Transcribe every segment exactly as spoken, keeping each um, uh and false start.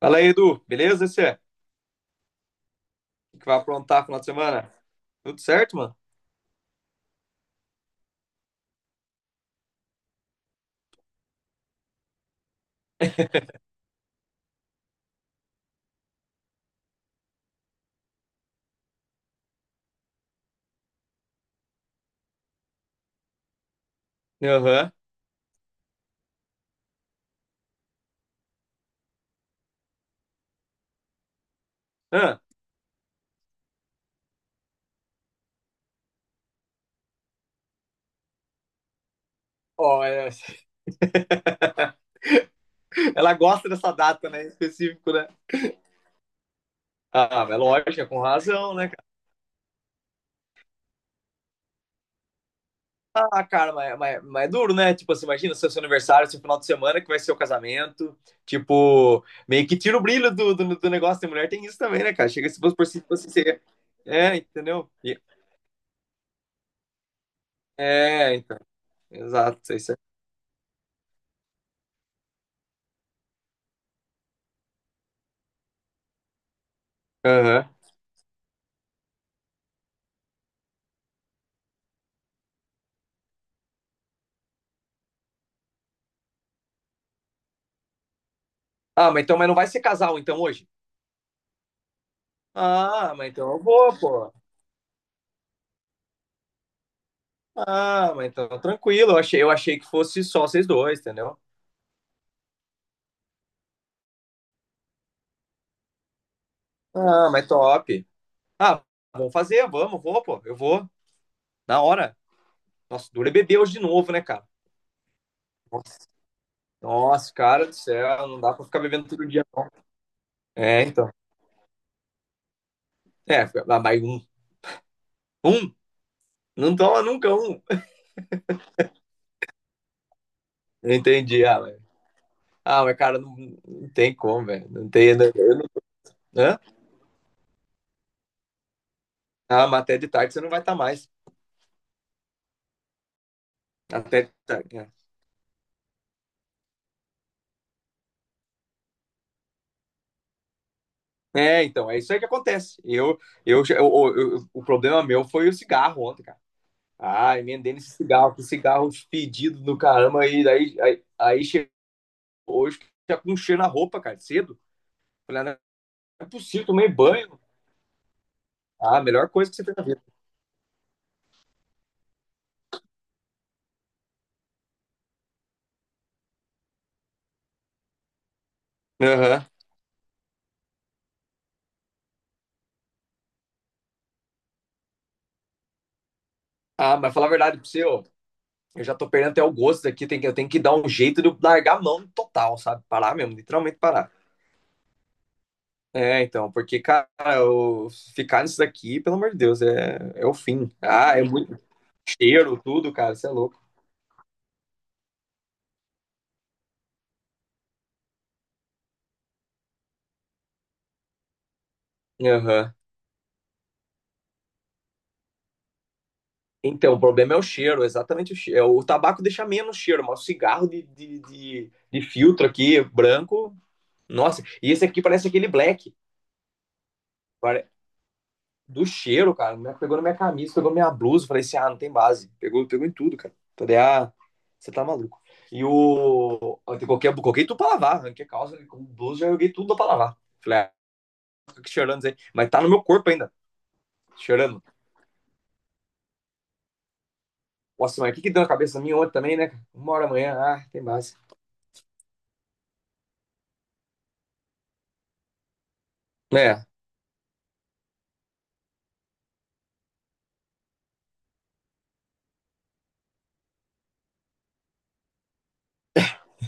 Fala aí, Edu. Beleza, você? O que vai aprontar no final de semana? Tudo certo, mano? Aham. Ah. Ó, é. Ela gosta dessa data, né? Em específico, né? Ah, mas lógico, é com razão, né, cara? Ah, cara, mas, mas, mas é duro, né? Tipo assim, imagina seu, seu aniversário, seu final de semana, que vai ser o casamento. Tipo, meio que tira o brilho do, do, do negócio. Tem mulher, tem isso também, né, cara? Chega se fosse por si, fosse ser. É, entendeu? E- É, então. Exato, é isso. É. Ah, mas então, mas não vai ser casal então hoje? Ah, mas então eu vou, pô. Ah, mas então tranquilo. Eu achei, eu achei que fosse só vocês dois, entendeu? Ah, mas top. Ah, vamos fazer, vamos, vou, pô. Eu vou. Na hora. Nossa, dura é beber hoje de novo, né, cara? Nossa, nossa, cara do céu, não dá pra ficar bebendo todo dia, não. É, então. É, ah, mais um. Um? Não toma nunca um. Entendi, ah, mas, ah, mas cara, não, não tem como, velho. Não tem, né. Eu não. Hã? Ah, mas até de tarde você não vai estar mais. Até de tarde. É. É, então, é isso aí que acontece. Eu, eu, eu- eu- eu- o problema meu foi o cigarro ontem, cara. Ah, emendei nesse cigarro, que cigarro fedido do caramba, e daí, aí, aí chegou hoje já com um cheiro na roupa, cara, cedo. Falei, ah, não é possível, tomei banho. Ah, a melhor coisa que você fez na vida. Aham. Ah, mas falar a verdade pra você, ó, eu já tô perdendo até o gosto daqui, tem que, eu tenho que dar um jeito de eu largar a mão total, sabe? Parar mesmo, literalmente parar. É, então, porque, cara, eu- ficar nisso daqui, pelo amor de Deus, é, é o fim. Ah, é muito cheiro, tudo, cara, isso é louco. Aham. Então, o problema é o cheiro, exatamente o cheiro. É, o tabaco deixa menos cheiro, mas o cigarro de, de, de, de filtro aqui, branco, nossa, e esse aqui parece aquele black. pare- Do cheiro, cara, né? Pegou na minha camisa, pegou na minha blusa. Falei assim, ah, não tem base. Pegou, pegou em tudo, cara. Falei, ah, você tá maluco. E o. Eu coloquei, coloquei tudo pra lavar. Arranquei a calça, com blusa, já joguei tudo pra lavar. Falei, ah, fica cheirando isso aí. Mas tá no meu corpo ainda, cheirando. Nossa, mas o que que deu na cabeça minha ontem também, né, cara? Uma hora amanhã, ah, tem base. É.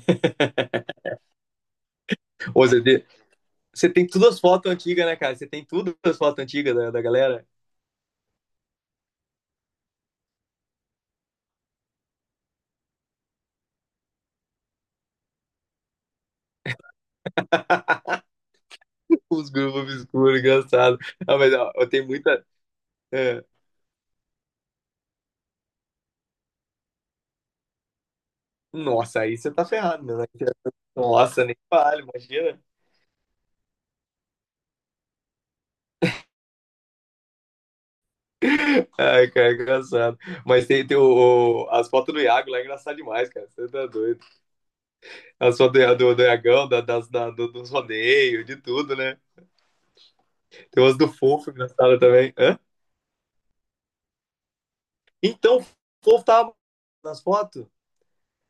Ô, Zé, D, você tem todas as fotos antigas, né, cara? Você tem todas as fotos antigas da, da galera? Os grupos obscuros, engraçado. Ah, mas ó, eu tenho muita. É. Nossa, aí você tá ferrado, meu, né? Nossa, nem vale, imagina. Ai, cara, é engraçado. Mas tem, tem o, o- as fotos do Iago lá, é engraçado demais, cara. Você tá doido. As fotos do, do, do Iagão, da, das, da, do, dos rodeios, de tudo, né? Tem umas do Fofo, engraçado também. Hã? Então, o povo tava nas fotos.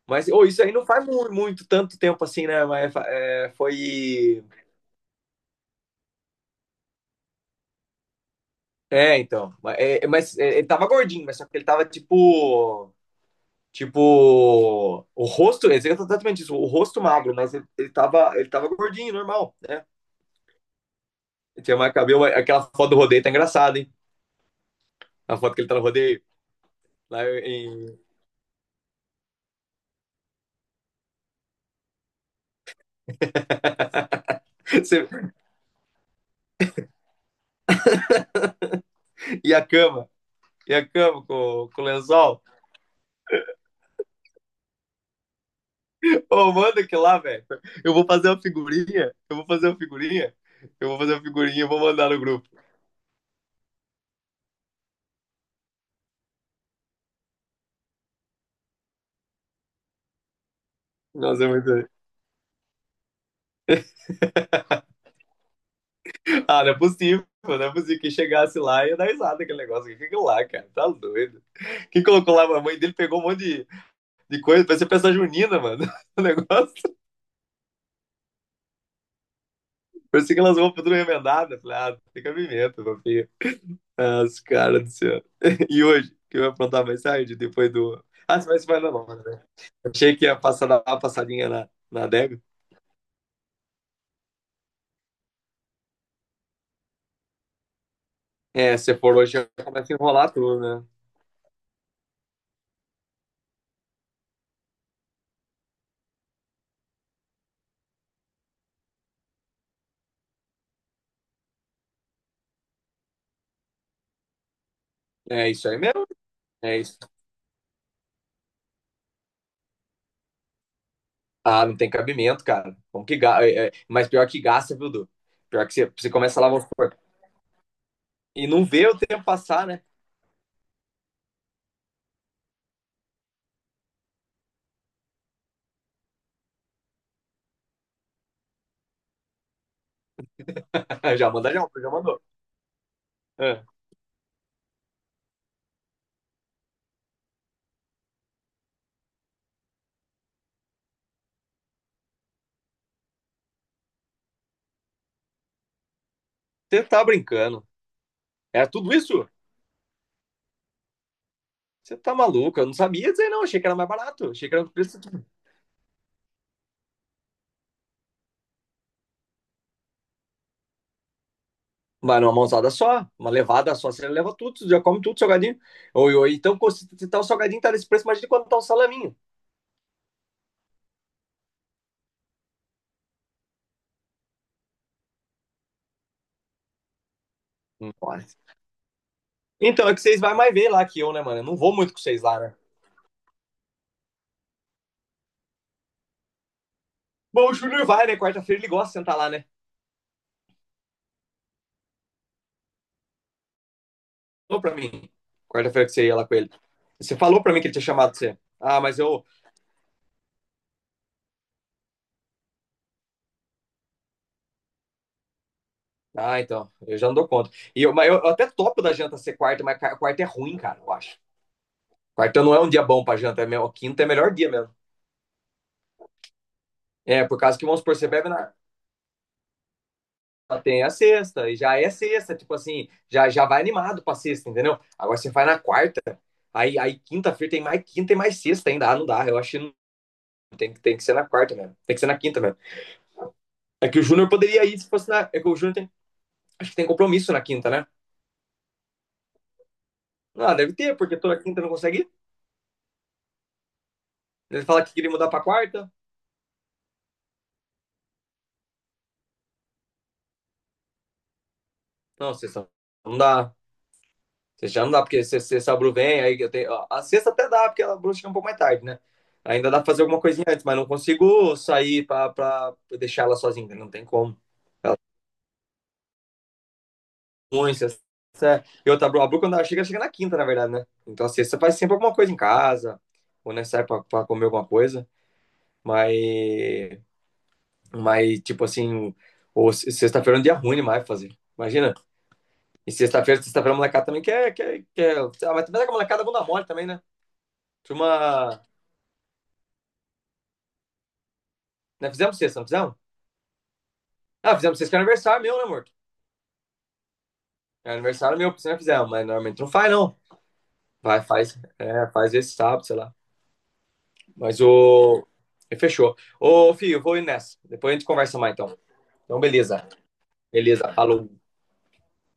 Mas, ô, isso aí não faz muito, muito tanto tempo assim, né? Mas é, foi. É, então. Mas, é, é, mas, é, ele tava gordinho, mas só que ele tava tipo. Tipo. O rosto. Ele exatamente isso, o rosto magro, mas ele, ele, tava, ele tava gordinho, normal, né? Ele tinha mais cabelo. Aquela foto do rodeio tá engraçada, hein? A foto que ele tá no rodeio. Lá em... E a cama. E a cama com, com o lençol. Ô, manda aqui lá, velho. Eu vou fazer uma figurinha. Eu vou fazer uma figurinha. Eu vou fazer uma figurinha e vou mandar no grupo. Nossa, é muito. Ah, não é possível. Não é possível que chegasse lá e ia dar risada aquele negócio. O que é aquilo lá, cara? Tá doido. Quem colocou lá? A mãe dele pegou um monte de, de coisa. Parecia peça junina, mano. O negócio. Parecia que elas vão tudo remendada. Falei, ah, fica pimenta, papinho. Ah, os caras do céu. E hoje? Que eu ia aprontar mais tarde, depois do. Ah, você vai se mandar não, né? Achei que ia passar, dar uma passadinha na, na adega. É, se for hoje, já começa a enrolar tudo, né? É isso aí mesmo. É isso. Ah, não tem cabimento, cara. Como que ga- é, é, Mas pior que gasta, viu, Du? Pior que você, você começa lá, vamos supor, e não vê o tempo passar, né? Já manda, já, já mandou. É. Você tá brincando. Era tudo isso? Você tá maluco? Eu não sabia dizer, não. Achei que era mais barato. Achei que era um preço, tipo. Mas numa mãozada só, uma levada só, você leva tudo, você já come tudo, salgadinho. Ou, ou então, se tá o salgadinho, tá nesse preço, imagina quando tá um salaminho. Hum. Então, é que vocês vai mais ver lá que eu, né, mano? Eu não vou muito com vocês lá, né? Bom, o Júnior vai, né? Quarta-feira ele gosta de sentar lá, né? Falou pra mim. Quarta-feira que você ia lá com ele. Você falou pra mim que ele tinha chamado você. Ah, mas eu. Ah, então. Eu já não dou conta. E eu, mas eu, eu até topo da janta ser quarta, mas ca- quarta é ruim, cara, eu acho. Quarta não é um dia bom pra janta, é mesmo, quinta é melhor dia mesmo. É, por causa que, vamos supor, você bebe na. Só tem a sexta, e já é sexta, tipo assim, já, já vai animado pra sexta, entendeu? Agora você vai na quarta, aí, aí quinta-feira tem mais quinta e mais sexta ainda. Ah, não dá, eu acho. Tem, tem que ser na quarta mesmo. Tem que ser na quinta mesmo. É que o Júnior poderia ir se fosse na. É que o Júnior tem. Acho que tem compromisso na quinta, né? Ah, deve ter, porque toda quinta não consegue ir. Ele fala que queria mudar pra quarta. Não, sexta não dá. Sexta já não dá, porque se- se- se a Bru vem, aí eu tenho. Ó, a sexta até dá, porque a Bru chega um pouco mais tarde, né? Ainda dá pra fazer alguma coisinha antes, mas não consigo sair pra, pra deixar ela sozinha. Não tem como. Ela é ruim, sexta. É. E outra, a Bru, quando ela chega, ela chega na quinta, na verdade, né? Então a sexta faz sempre alguma coisa em casa, ou né, sai pra, pra comer alguma coisa. Mas, mas tipo assim, ou sexta-feira é um dia ruim demais pra fazer. Imagina. E sexta-feira, sexta-feira a molecada também quer, quer, quer. Ah, mas também é que a molecada é bunda mole também, né? Turma. Né, fizemos sexta, não fizemos? Ah, fizemos sexta que é aniversário meu, né, morto? É aniversário meu, por isso não fizemos, mas normalmente não faz, não. Vai, faz. É, faz esse sábado, sei lá. Mas o. Fechou. Ô, filho, eu vou ir nessa. Depois a gente conversa mais, então. Então, beleza. Beleza, falou.